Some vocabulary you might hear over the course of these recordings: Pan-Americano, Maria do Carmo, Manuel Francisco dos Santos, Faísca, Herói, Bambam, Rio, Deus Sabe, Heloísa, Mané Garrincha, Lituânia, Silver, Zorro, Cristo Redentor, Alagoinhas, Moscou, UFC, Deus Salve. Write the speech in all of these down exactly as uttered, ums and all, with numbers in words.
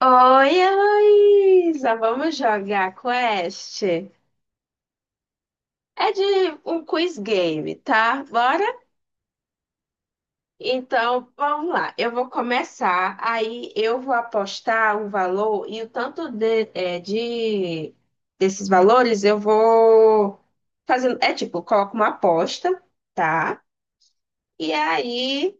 Oi, Heloísa! Vamos jogar quest? É de um quiz game, tá? Bora? Então, vamos lá. Eu vou começar, aí eu vou apostar o valor e o tanto de, é, de- desses valores eu vou fazendo. É tipo, eu coloco uma aposta, tá? E aí,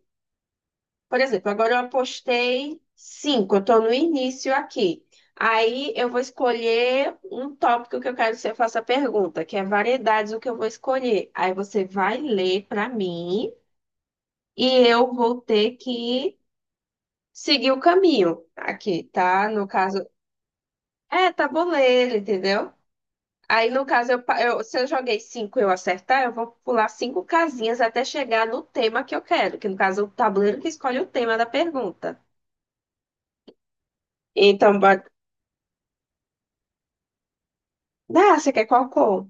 por exemplo, agora eu apostei cinco, eu estou no início aqui. Aí eu vou escolher um tópico que eu quero que você faça a pergunta, que é variedades, o que eu vou escolher. Aí você vai ler para mim e eu vou ter que seguir o caminho aqui, tá? No caso, é tabuleiro, entendeu? Aí no caso, eu, pa- eu- se eu joguei cinco e eu acertar, eu vou pular cinco casinhas até chegar no tema que eu quero, que no caso é o tabuleiro que escolhe o tema da pergunta. Então, dá, você quer qual cor?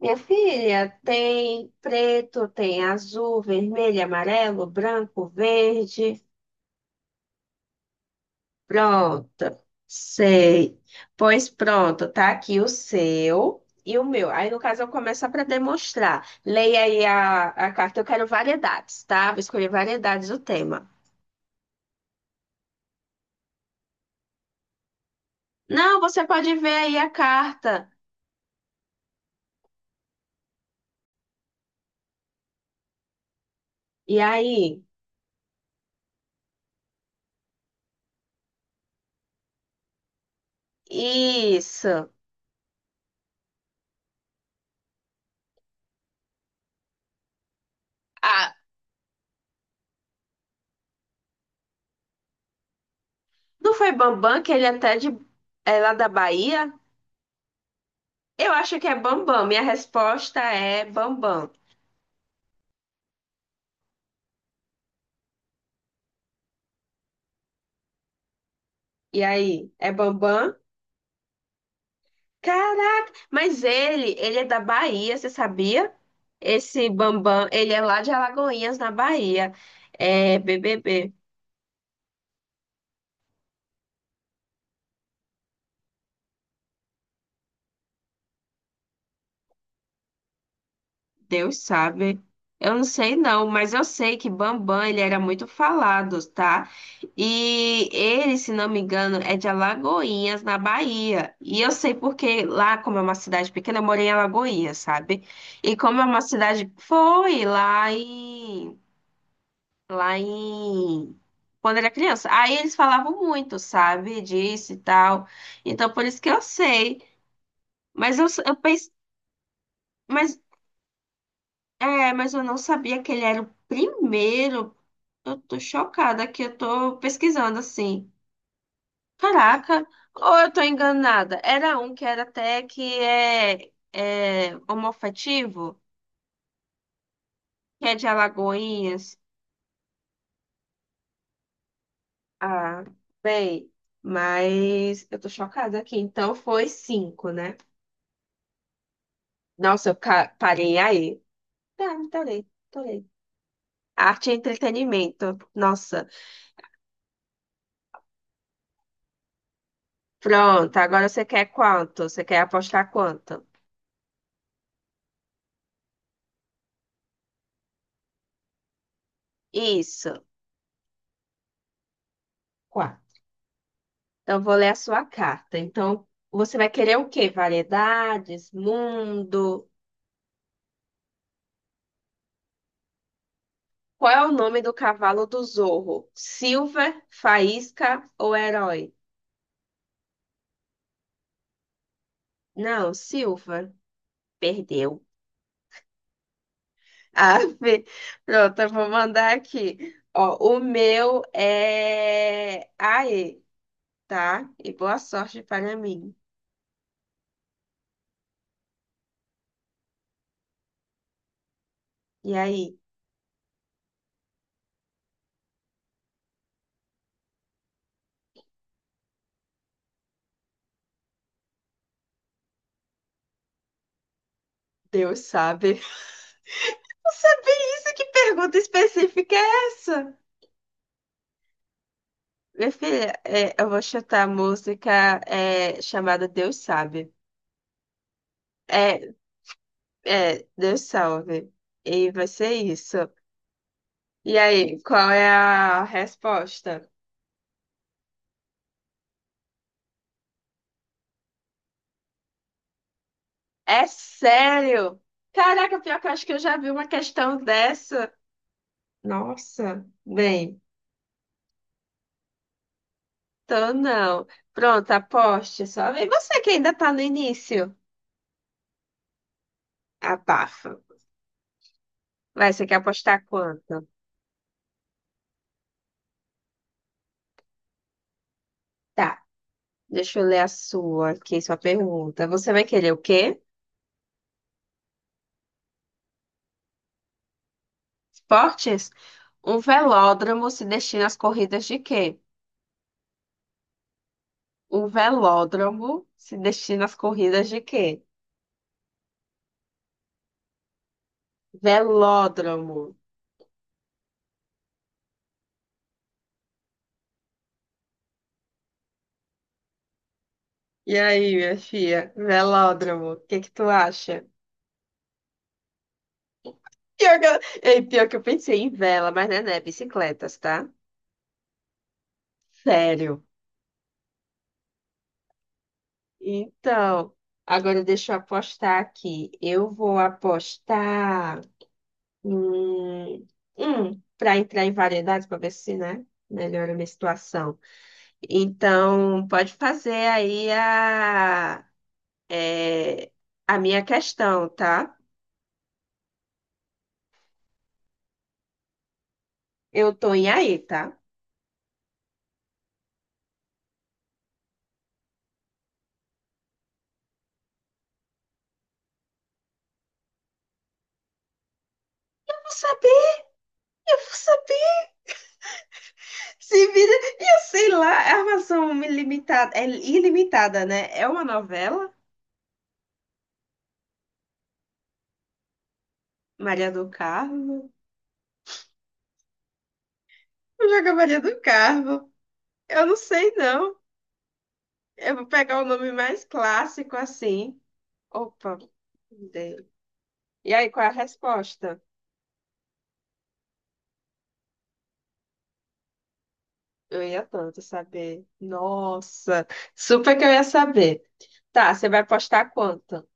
Minha filha, tem preto, tem azul, vermelho, amarelo, branco, verde. Pronto, sei. Pois pronto, tá aqui o seu e o meu. Aí, no caso, eu começo para demonstrar. Leia aí a, a carta. Eu quero variedades, tá? Vou escolher variedades do tema. Não, você pode ver aí a carta. E aí? Isso. Ah, não foi Bambam que ele é até de. É lá da Bahia? Eu acho que é Bambam. Minha resposta é Bambam. E aí, é Bambam? Caraca! Mas ele, ele é da Bahia, você sabia? Esse Bambam, ele é lá de Alagoinhas, na Bahia. É B B B. Deus sabe. Eu não sei não, mas eu sei que Bambam, ele era muito falado, tá? E ele, se não me engano, é de Alagoinhas, na Bahia. E eu sei porque lá, como é uma cidade pequena, eu morei em Alagoinhas, sabe? E como é uma cidade... Foi lá em... Lá em... Quando era criança. Aí eles falavam muito, sabe? Disso e tal. Então, por isso que eu sei. Mas eu, eu pensei... Mas, é, mas eu não sabia que ele era o primeiro. Eu tô chocada que eu tô pesquisando assim. Caraca, ou eu tô enganada? Era um que era até que é, é homoafetivo, que é de Alagoinhas. Ah, bem, mas eu tô chocada aqui. Então foi cinco, né? Nossa, eu ca- parei aí. Tá, parei, parei. Arte e entretenimento. Nossa. Pronto, agora você quer quanto? Você quer apostar quanto? Isso. Quatro. Então, eu vou ler a sua carta. Então, você vai querer o quê? Variedades, mundo? Qual é o nome do cavalo do Zorro? Silver, Faísca ou Herói? Não, Silver. Perdeu. Ave. Pronto, eu vou mandar aqui. Ó, o meu é Aê, tá? E boa sorte para mim. E aí? Deus sabe. Não sabia isso? Que pergunta específica é essa? Minha filha, é, eu vou chutar a música é, chamada Deus Sabe. É, é, Deus Salve. E vai ser isso. E aí, qual é a resposta? É sério? Caraca, pior que eu acho que eu já vi uma questão dessa. Nossa, bem, então não. Pronto, aposte só. E você que ainda tá no início? Abafa. Vai, você quer apostar quanto? Tá, deixa eu ler a sua aqui, sua pergunta. Você vai querer o quê? Esportes? Um velódromo se destina às corridas de quê? Um velódromo se destina às corridas de quê? Velódromo. E aí, minha filha? Velódromo. O que que tu acha? Pior que eu, ei, pior que eu pensei em vela, mas não é, né? Bicicletas, tá? Sério. Então, agora deixa eu apostar aqui. Eu vou apostar. Hum, hum, para entrar em variedades, para ver se, né? Melhora a minha situação. Então, pode fazer aí a, é, a minha questão, tá? Eu tô em aí, tá? Eu vou saber, eu vou saber. Se vira, eu sei lá, é armação ilimitada, é ilimitada, né? É uma novela? Maria do Carmo? Vou jogar Maria do Carmo. Eu não sei, não. Eu vou pegar o nome mais clássico assim. Opa, dei. E aí, qual é a resposta? Eu ia tanto saber. Nossa, super que eu ia saber. Tá, você vai postar quanto?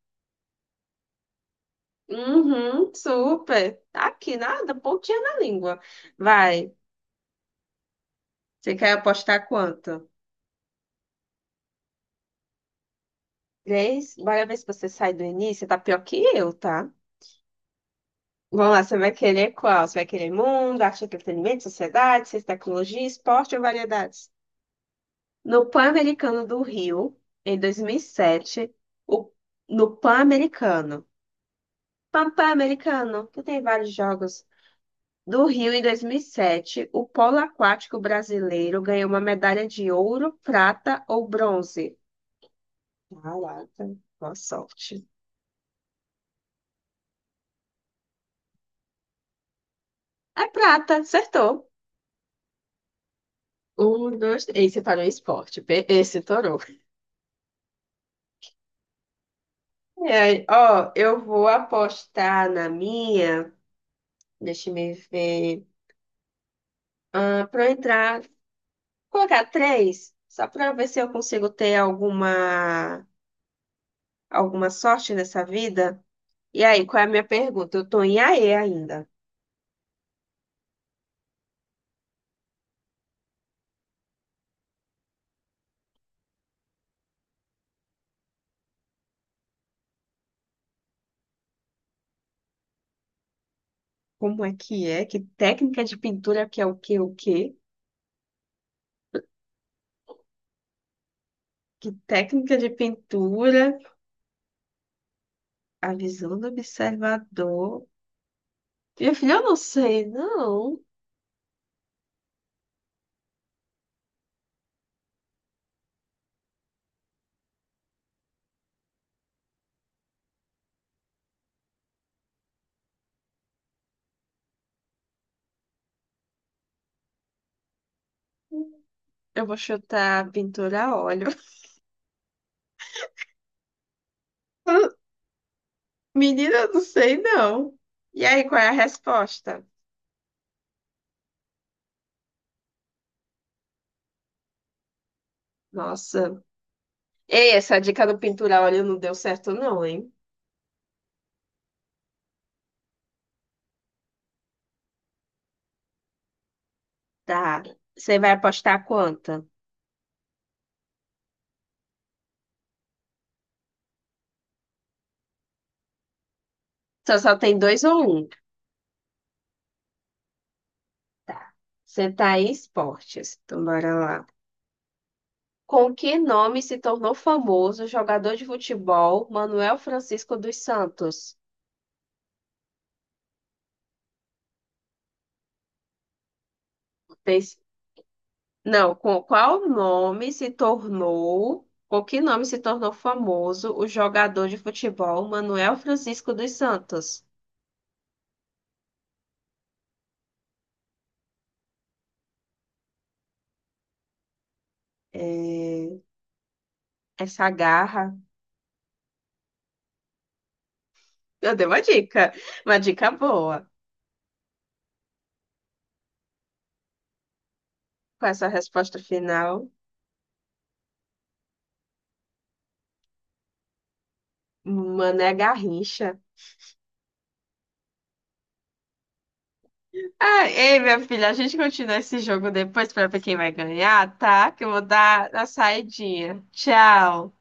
Uhum, super. Tá aqui, nada, pontinha na língua. Vai, você quer apostar quanto? Três? Bora ver se você sai do início, você tá pior que eu, tá? Vamos lá, você vai querer qual? Você vai querer mundo, arte, entretenimento, sociedade, ciência, tecnologia, esporte ou variedades? No Pan-Americano do Rio, em dois mil e sete, o, no pan americano Papai Americano, que tem vários jogos. Do Rio em dois mil e sete, o polo aquático brasileiro ganhou uma medalha de ouro, prata ou bronze. Caraca, boa sorte. É prata, acertou. Um, dois, três. Esse parou em esporte. Pe- Esse torou. É, ó, eu vou apostar na minha. Deixa eu me ver. Ah, para entrar, vou colocar três, só para ver se eu consigo ter alguma alguma sorte nessa vida. E aí, qual é a minha pergunta? Eu tô em A E ainda. Como é que é? Que técnica de pintura que é o que, o quê? Que técnica de pintura? A visão do observador. Meu filho, eu não sei, não. Eu vou chutar pintura a óleo. Menina, eu não sei, não. E aí, qual é a resposta? Nossa. Ei, essa dica do pintura a óleo não deu certo, não, hein? Tá. Você vai apostar quanta? Só, só tem dois ou um? Tá. Você tá esportes. Então, bora lá. Com que nome se tornou famoso o jogador de futebol Manuel Francisco dos Santos? Pens- Não, com qual nome se tornou... Com que nome se tornou famoso o jogador de futebol Manuel Francisco dos Santos? É, essa garra... Eu dei uma dica. Uma dica boa. Com essa resposta final, Mané Garrincha. Ah, ei, minha filha, a gente continua esse jogo depois pra ver quem vai ganhar, tá? Que eu vou dar a saidinha. Tchau.